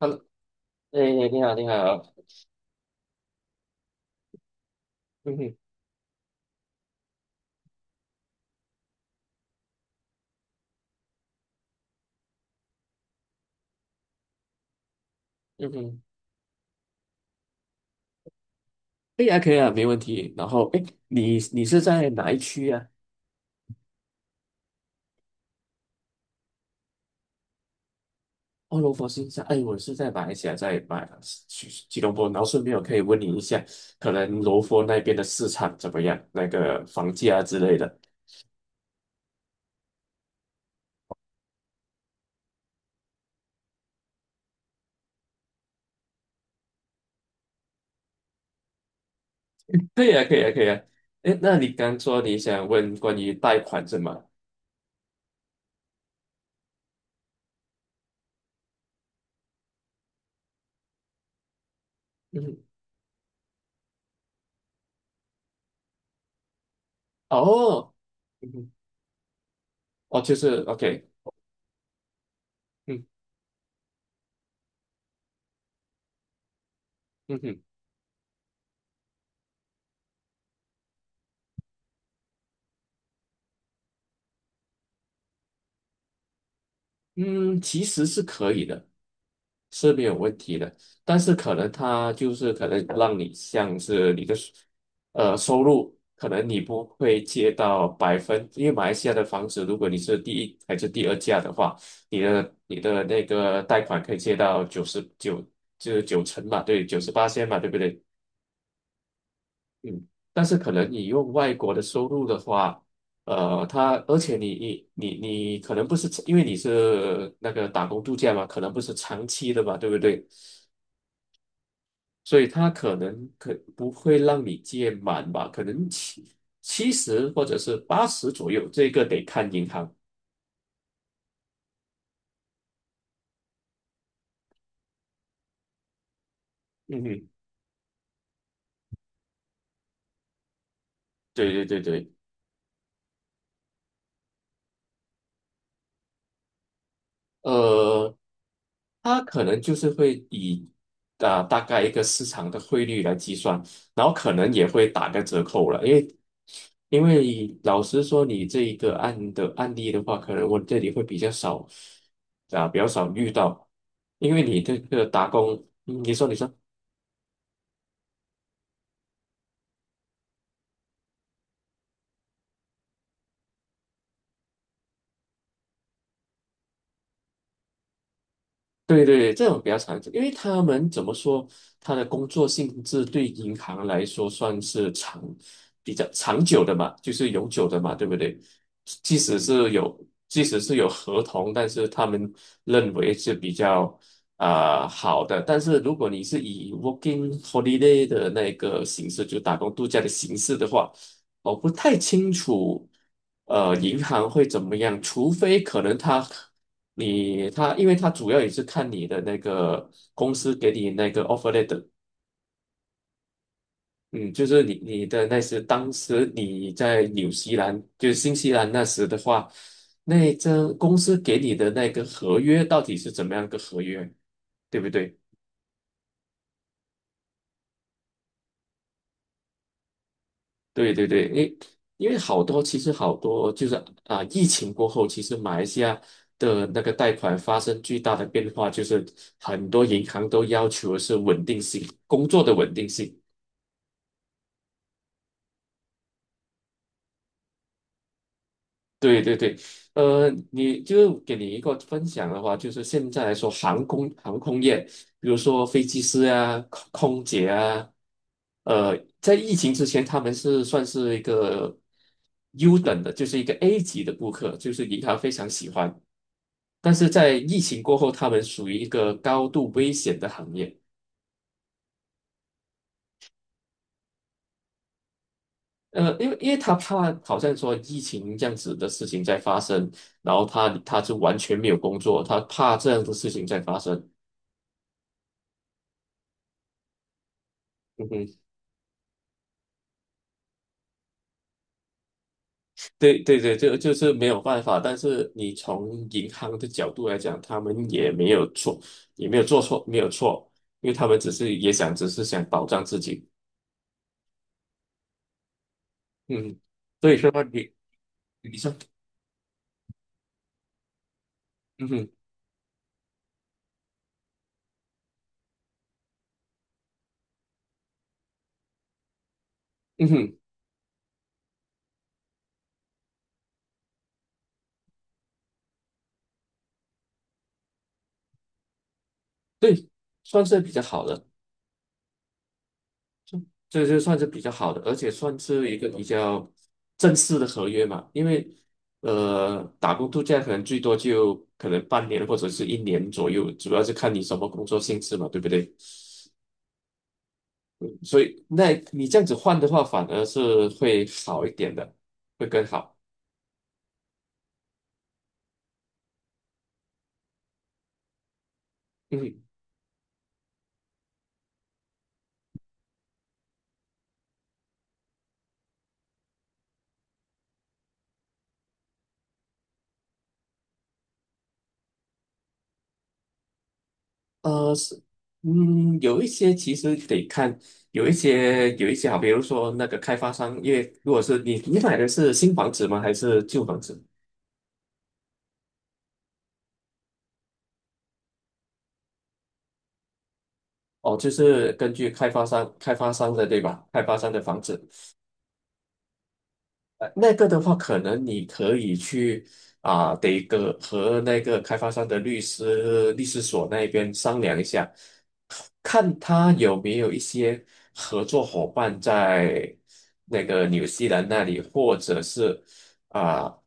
Hello，哎，你好，你好，嗯哼，嗯哼，哎呀，可以啊，没问题。然后，哎，你是在哪一区啊？哦，罗佛新山，哎，我是在马来西亚，在吉隆坡。然后顺便我可以问你一下，可能罗佛那边的市场怎么样？那个房价之类的。可以啊，可以啊，可以啊。哎，那你刚说你想问关于贷款是吗？嗯哼，哦，嗯哼，哦，就是 OK，嗯嗯哼，嗯，其实是可以的。是没有问题的，但是可能它就是可能让你像是你的收入，可能你不会借到百分，因为马来西亚的房子，如果你是第一还是第二价的话，你的那个贷款可以借到99就是九成嘛，对，九十八千嘛，对不对？嗯，但是可能你用外国的收入的话，而且你可能不是因为你是那个打工度假嘛，可能不是长期的嘛，对不对？所以它可能可不会让你借满吧，可能七十或者是80左右，这个得看银行。嗯哼，对对对对，呃，它可能就是会以大概一个市场的汇率来计算，然后可能也会打个折扣了，因为老实说，你这一个案例的话，可能我这里会比较少遇到，因为你这个打工。对对，这种比较常久，因为他们怎么说，他的工作性质对银行来说算是比较长久的嘛，就是永久的嘛，对不对？即使是有，即使是有合同，但是他们认为是比较好的。但是如果你是以 working holiday 的那个形式，就打工度假的形式的话，我不太清楚，银行会怎么样，除非可能他。因为他主要也是看你的那个公司给你那个 offer letter，嗯，就是你的当时你在纽西兰，就是新西兰那时的话，那这公司给你的那个合约到底是怎么样个合约，对不对？对对对，因为好多其实好多就是疫情过后，其实马来西亚的那个贷款发生巨大的变化，就是很多银行都要求的是稳定性，工作的稳定性。对对对，给你一个分享的话，就是现在来说，航空业，比如说飞机师啊、空姐啊，在疫情之前，他们是算是一个优等的，就是一个 A 级的顾客，就是银行非常喜欢。但是在疫情过后，他们属于一个高度危险的行业。因为他怕好像说疫情这样子的事情在发生，然后他就完全没有工作，他怕这样的事情在发生。嗯哼对对对，就是没有办法。但是你从银行的角度来讲，他们也没有错，也没有做错，没有错，因为他们只是也想，只是想保障自己。嗯，所以说你你说，嗯哼嗯哼，对，算是比较好的，这就算是比较好的，而且算是一个比较正式的合约嘛。因为打工度假可能最多就可能半年或者是一年左右，主要是看你什么工作性质嘛，对不对？所以那你这样子换的话，反而是会好一点的，会更好。嗯，是，嗯，有一些其实得看，有一些好，比如说那个开发商，因为如果是你买的是新房子吗？还是旧房子？哦，就是根据开发商的对吧？开发商的房子，那个的话，可能你可以去啊，得个和那个开发商的律师所那边商量一下。看他有没有一些合作伙伴在那个纽西兰那里，啊、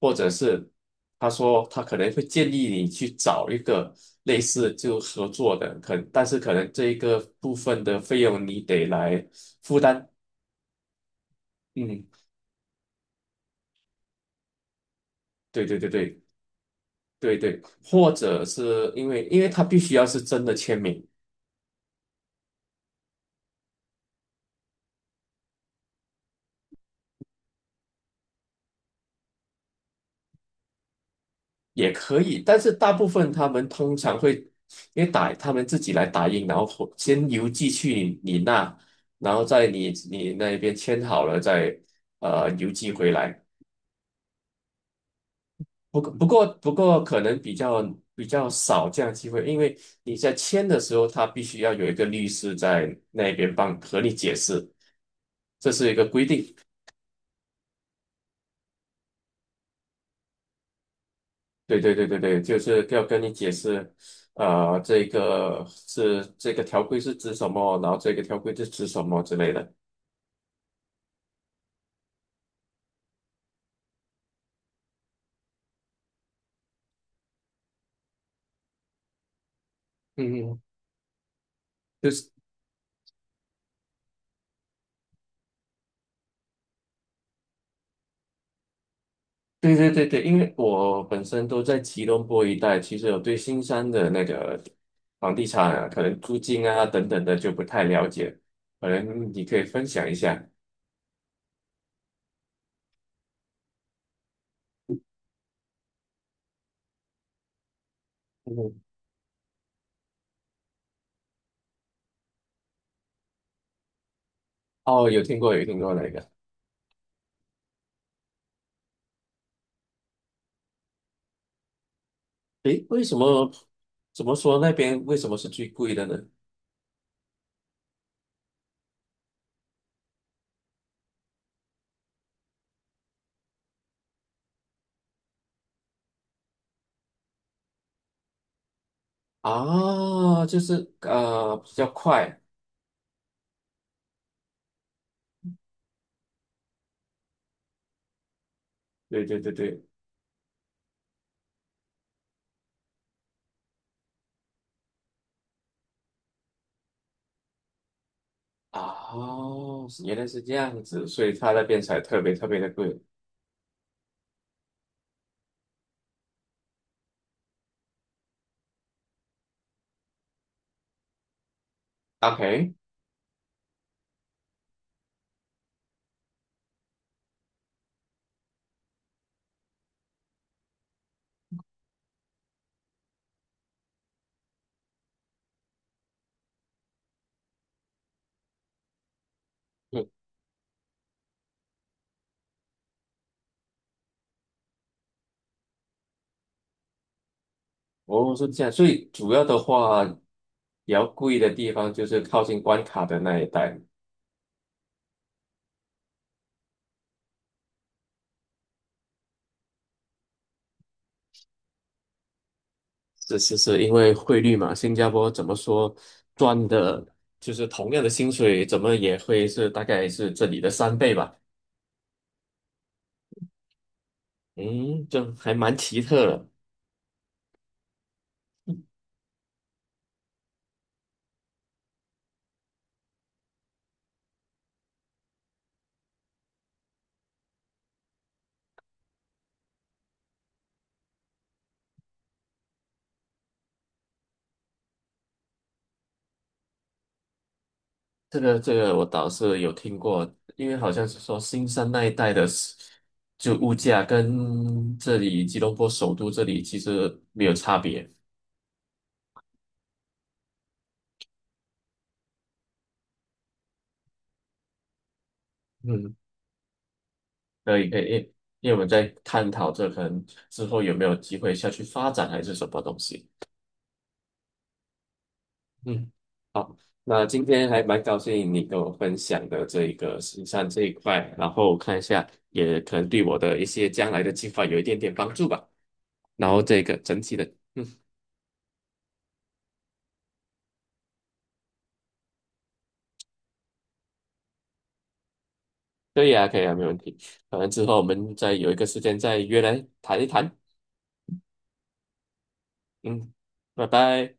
或者是他说他可能会建议你去找一个类似就合作的，但是可能这一个部分的费用你得来负担。嗯，对对对对对对，或者是因为他必须要是真的签名。也可以，但是大部分他们通常会因为打他们自己来打印，然后先邮寄去你那，然后在你那边签好了再邮寄回来。不过可能比较少这样的机会，因为你在签的时候，他必须要有一个律师在那边帮和你解释，这是一个规定。对对对对对，就是要跟你解释，这个条规是指什么，然后这个条规是指什么之类的。嗯，嗯，就是对对对对，因为我本身都在吉隆坡一带，其实我对新山的那个房地产啊，可能租金啊等等的就不太了解，可能你可以分享一下。嗯，哦，有听过有听过那个，诶，为什么怎么说那边为什么是最贵的呢？就是比较快。对对对对，哦，原来是这样子，所以它那边才特别特别的贵。OK，嗯，哦，是这样，所以主要的话，比较贵的地方就是靠近关卡的那一带。是是是，因为汇率嘛，新加坡怎么说赚的，就是同样的薪水，怎么也会是大概是这里的3倍吧。嗯，这还蛮奇特的。这个我倒是有听过，因为好像是说新山那一带的是，就物价跟这里吉隆坡首都这里其实没有差别。嗯，可以可以，因为我们在探讨这可能之后有没有机会下去发展还是什么东西。嗯，好，那今天还蛮高兴你跟我分享的这一个新山这一块，然后看一下也可能对我的一些将来的计划有一点点帮助吧。然后这个整体的。嗯。可以啊，可以啊，没问题。反正之后我们再有一个时间再约来谈一谈。嗯，拜拜。